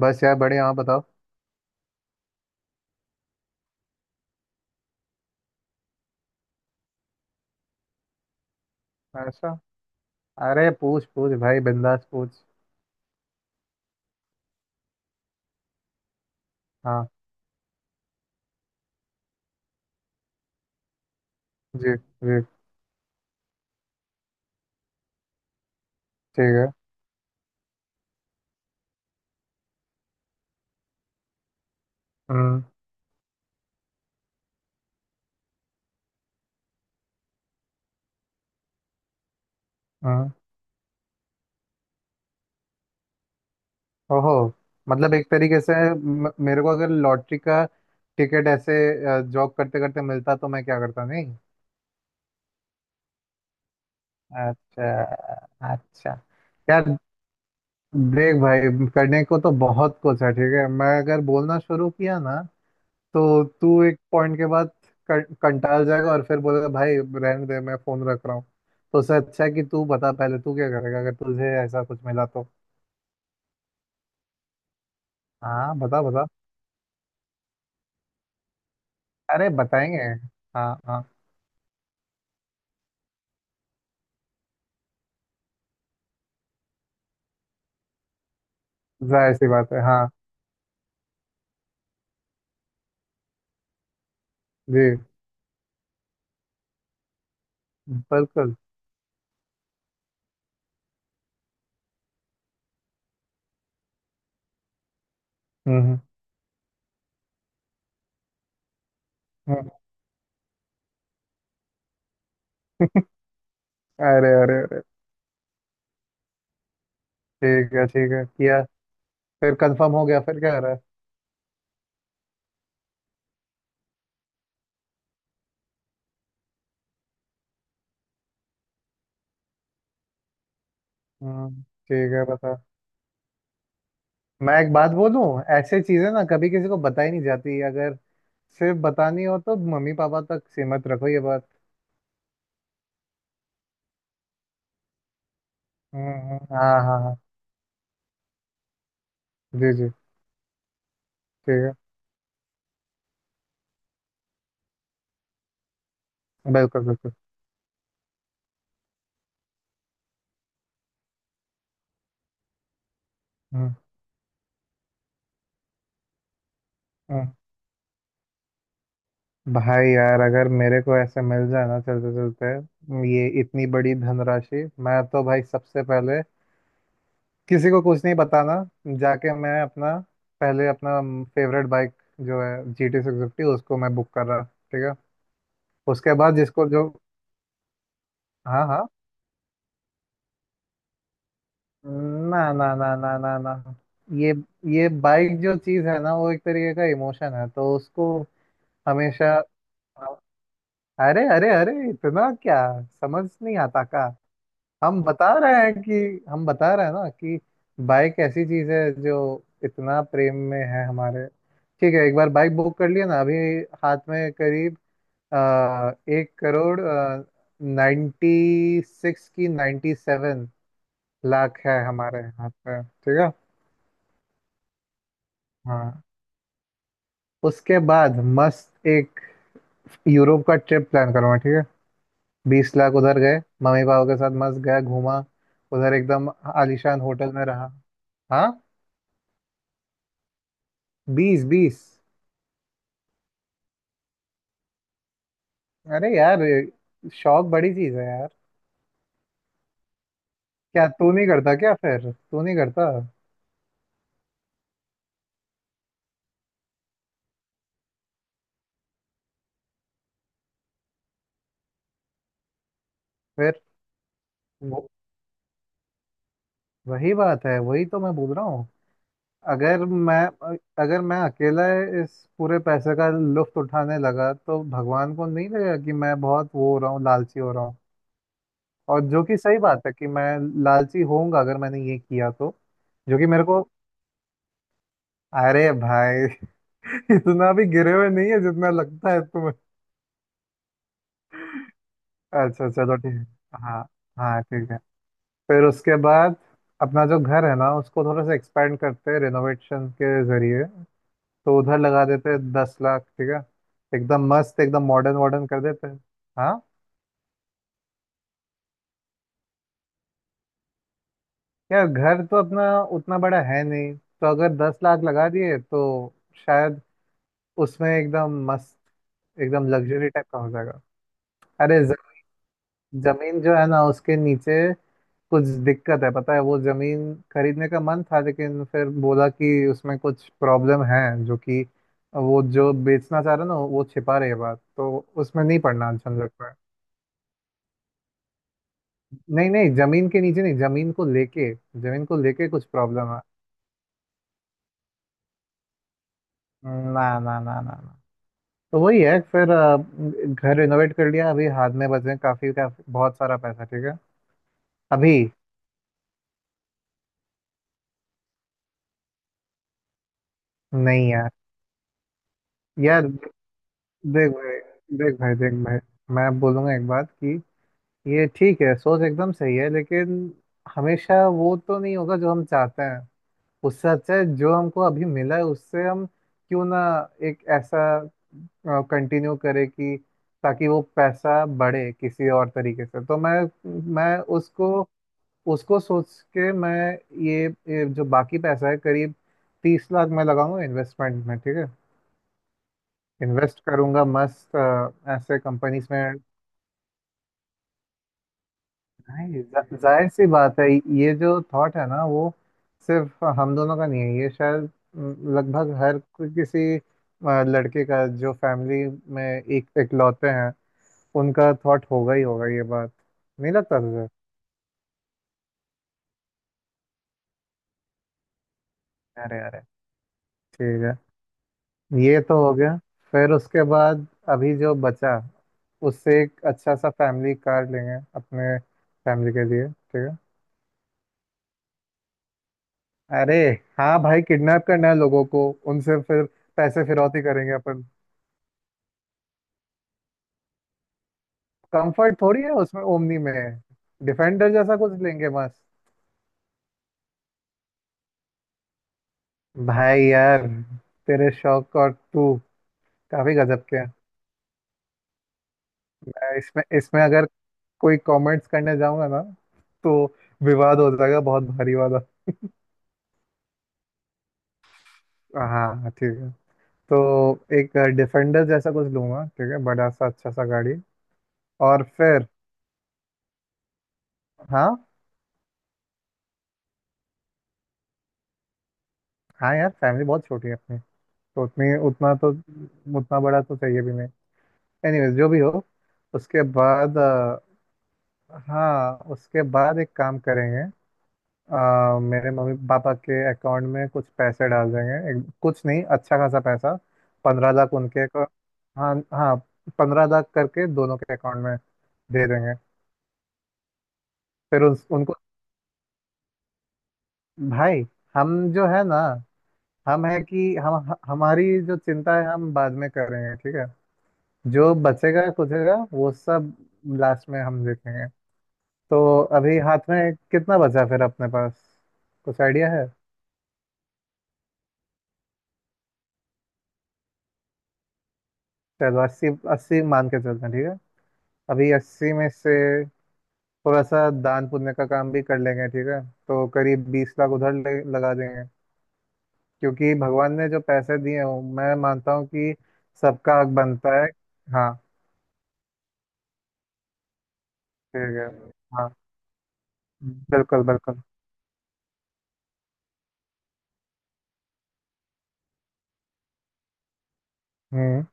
बस यार बढ़िया। आप बताओ। ऐसा। अरे पूछ पूछ भाई बिंदास पूछ। हाँ। जी जी। ठीक है। हम्म हम्म। ओहो। मतलब एक तरीके से मेरे को अगर लॉटरी का टिकट ऐसे जॉब करते करते मिलता तो मैं क्या करता नहीं। अच्छा। अच्छा यार, देख भाई, करने को तो बहुत कुछ है, ठीक है। मैं अगर बोलना शुरू किया ना तो तू एक पॉइंट के बाद कंटाल जाएगा और फिर बोलेगा भाई रहने दे मैं फोन रख रहा हूँ। तो उससे अच्छा है कि तू बता पहले, तू क्या करेगा अगर तुझे ऐसा कुछ मिला तो। हाँ बता बता। अरे बताएंगे। हाँ हाँ। जाहिर सी बात है हाँ। जी। बिल्कुल। हम्म हम्म, हम्म। अरे अरे अरे। ठीक है किया। फिर कंफर्म हो गया फिर क्या कर रहा है? हम्म। ठीक है बता। मैं एक बात बोलूं? ऐसे चीजें ना कभी किसी को बताई नहीं जाती। अगर सिर्फ बतानी हो तो मम्मी पापा तक सीमित रखो ये बात। हाँ हाँ हाँ। जी जी। ठीक है। बिल्कुल बिल्कुल। हम्म हम्म। भाई यार अगर मेरे को ऐसे मिल जाए ना चलते चलते ये इतनी बड़ी धनराशि, मैं तो भाई सबसे पहले किसी को कुछ नहीं बताना। जाके मैं अपना, पहले अपना फेवरेट बाइक जो है GT 650, उसको मैं बुक कर रहा, ठीक है। उसके बाद जिसको जो। हाँ हाँ। ना ना ना ना ना ना। ये ये बाइक जो चीज़ है ना वो एक तरीके का इमोशन है, तो उसको हमेशा। हाँ। अरे अरे अरे, इतना क्या समझ नहीं आता का? हम बता रहे हैं कि, हम बता रहे हैं ना कि बाइक ऐसी चीज है जो इतना प्रेम में है हमारे। ठीक है, एक बार बाइक बुक कर लिया ना, अभी हाथ में करीब 1 करोड़ 96 की 97 लाख है हमारे हाथ में, ठीक है। हाँ, उसके बाद मस्त एक यूरोप का ट्रिप प्लान करूँगा, ठीक है। 20 लाख उधर गए, मम्मी पापा के साथ मस्त गया घूमा, उधर एकदम आलीशान होटल में रहा। हाँ। बीस बीस। अरे यार शौक बड़ी चीज है यार। क्या तू नहीं करता क्या? फिर तू नहीं करता? फिर वो- वही बात है, वही तो मैं बोल रहा हूँ। अगर मैं अगर मैं अकेला इस पूरे पैसे का लुफ्त उठाने लगा तो भगवान को नहीं लगेगा कि मैं बहुत वो हो रहा हूँ, लालची हो रहा हूँ। और जो कि सही बात है कि मैं लालची होऊंगा अगर मैंने ये किया तो। जो कि मेरे को, अरे भाई इतना भी गिरे हुए नहीं है जितना लगता है तुम्हें। अच्छा चलो ठीक है हाँ। हाँ ठीक है। फिर उसके बाद अपना जो घर है ना उसको थोड़ा सा एक्सपेंड करते हैं रिनोवेशन के जरिए। तो उधर लगा देते हैं 10 लाख, ठीक है। एकदम मस्त एकदम मॉडर्न वॉर्डन कर देते हैं। हाँ यार घर तो अपना उतना बड़ा है नहीं, तो अगर 10 लाख लगा दिए तो शायद उसमें एकदम मस्त एकदम लग्जरी टाइप का हो जाएगा। अरे जमीन जो है ना उसके नीचे कुछ दिक्कत है, पता है। वो जमीन खरीदने का मन था लेकिन फिर बोला कि उसमें कुछ प्रॉब्लम है। जो कि वो जो बेचना चाह रहा ना वो छिपा रही है बात, तो उसमें नहीं पड़ना अच्छा नहीं लगता है। नहीं नहीं जमीन के नीचे नहीं, जमीन को लेके, जमीन को लेके कुछ प्रॉब्लम है। ना ना ना ना ना। तो वही है फिर, घर रिनोवेट कर लिया, अभी हाथ में बचे हैं काफी काफी बहुत सारा पैसा, ठीक है। अभी। नहीं यार। यार देख भाई, देख भाई देख भाई मैं बोलूंगा एक बात कि ये ठीक है, सोच एकदम सही है लेकिन हमेशा वो तो नहीं होगा जो हम चाहते हैं। उससे अच्छा है जो हमको अभी मिला है उससे हम क्यों ना एक ऐसा कंटिन्यू करें कि ताकि वो पैसा बढ़े किसी और तरीके से। तो मैं उसको, उसको सोच के मैं ये जो बाकी पैसा है, करीब 30 लाख, मैं लगाऊंगा इन्वेस्टमेंट में, ठीक है। इन्वेस्ट करूंगा मस्त ऐसे कंपनीज में। नहीं जा- जाहिर सी बात है, ये जो थॉट है ना वो सिर्फ हम दोनों का नहीं है ये, शायद लगभग किसी लड़के का जो फैमिली में एक इकलौते हैं उनका थॉट होगा ही होगा ये बात। नहीं लगता तुझे? अरे अरे। ठीक है। ये तो हो गया, फिर उसके बाद अभी जो बचा उससे एक अच्छा सा फैमिली कार लेंगे अपने फैमिली के लिए, ठीक है। अरे हाँ भाई, किडनैप करना है लोगों को उनसे फिर पैसे फिरौती करेंगे अपन। कंफर्ट थोड़ी है उसमें ओमनी में। डिफेंडर जैसा कुछ लेंगे बस। भाई यार, तेरे शौक और तू काफी गजब के हैं। इसमें इसमें अगर कोई कमेंट्स करने जाऊंगा ना तो विवाद हो जाएगा बहुत भारी वाला। हाँ ठीक है। तो एक डिफेंडर जैसा कुछ लूंगा, ठीक है, बड़ा सा अच्छा सा गाड़ी। और फिर हाँ। हाँ यार फैमिली बहुत छोटी है अपनी, तो उतनी उतना तो, उतना बड़ा तो चाहिए भी नहीं। एनीवेज जो भी हो, उसके बाद, हाँ उसके बाद एक काम करेंगे। मेरे मम्मी पापा के अकाउंट में कुछ पैसे डाल देंगे, कुछ नहीं अच्छा खासा पैसा। पंद्रह लाख उनके को- हाँ हाँ, 15 लाख करके दोनों के अकाउंट में दे देंगे। फिर उनको भाई, हम जो है ना, हम है कि हम हमारी जो चिंता है हम बाद में करेंगे, ठीक है। जो बचेगा कुछेगा वो सब लास्ट में हम देखेंगे। तो अभी हाथ में कितना बचा फिर अपने पास, कुछ आइडिया है? चलो 80, 80 मान के चलते हैं, ठीक है। अभी 80 में से थोड़ा सा दान पुण्य का काम भी कर लेंगे, ठीक है। तो करीब 20 लाख उधर लगा देंगे। क्योंकि भगवान ने जो पैसे दिए हों मैं मानता हूँ कि सबका हक बनता है। हाँ ठीक है। हाँ बिल्कुल बिल्कुल। हम्म।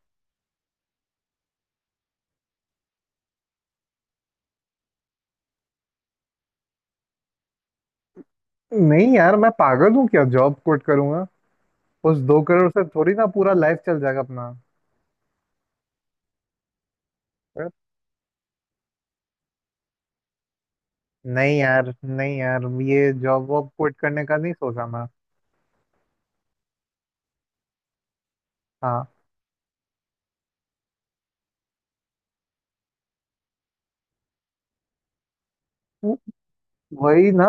नहीं यार मैं पागल हूँ क्या जॉब कोट करूंगा? उस 2 करोड़ से थोड़ी ना पूरा लाइफ चल जाएगा अपना। अ, नहीं यार, नहीं यार, ये जॉब वॉब क्विट करने का नहीं सोचा मैं। हाँ वही ना।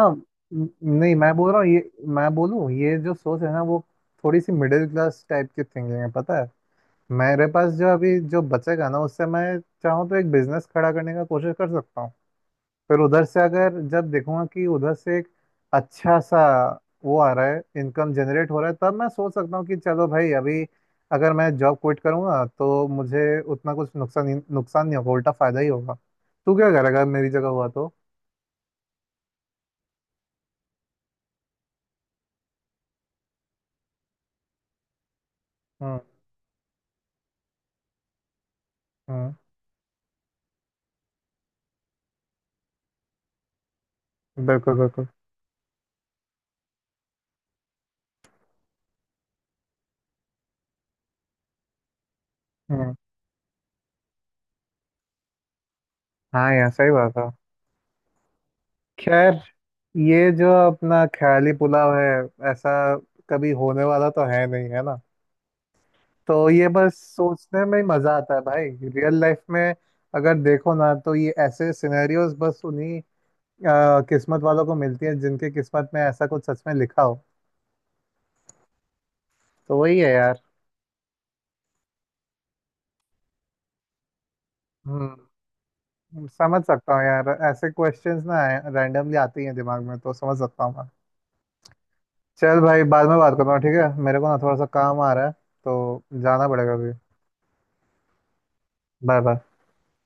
न- नहीं मैं बोल रहा हूँ, ये मैं बोलूँ ये जो सोच है ना वो थोड़ी सी मिडिल क्लास टाइप की थिंकिंग है, पता है। मेरे पास जो अभी जो बचेगा ना उससे मैं चाहूँ तो एक बिजनेस खड़ा करने का कोशिश कर सकता हूँ। फिर उधर से अगर जब देखूंगा कि उधर से एक अच्छा सा वो आ रहा है, इनकम जनरेट हो रहा है, तब मैं सोच सकता हूँ कि चलो भाई अभी अगर मैं जॉब क्विट करूंगा तो मुझे उतना कुछ नुकसान नुकसान नहीं होगा, उल्टा फायदा ही होगा। तू क्या करेगा मेरी जगह हुआ तो? हम्म। हम्म बिल्कुल बिल्कुल। हम्म, हाँ यार सही बात है। खैर, ये जो अपना ख्याली पुलाव है ऐसा कभी होने वाला तो है नहीं, है ना? तो ये बस सोचने में ही मजा आता है भाई, रियल लाइफ में अगर देखो ना तो ये ऐसे सिनेरियोज बस उन्हीं किस्मत वालों को मिलती है जिनके किस्मत में ऐसा कुछ सच में लिखा हो। तो वही है यार। हम्म। समझ सकता हूँ यार, ऐसे क्वेश्चंस ना रैंडमली आते ही हैं दिमाग में, तो समझ सकता हूँ। चल भाई बाद में बात करता हूँ, ठीक है, मेरे को ना थोड़ा सा काम आ रहा है, तो जाना पड़ेगा अभी। Bye bye.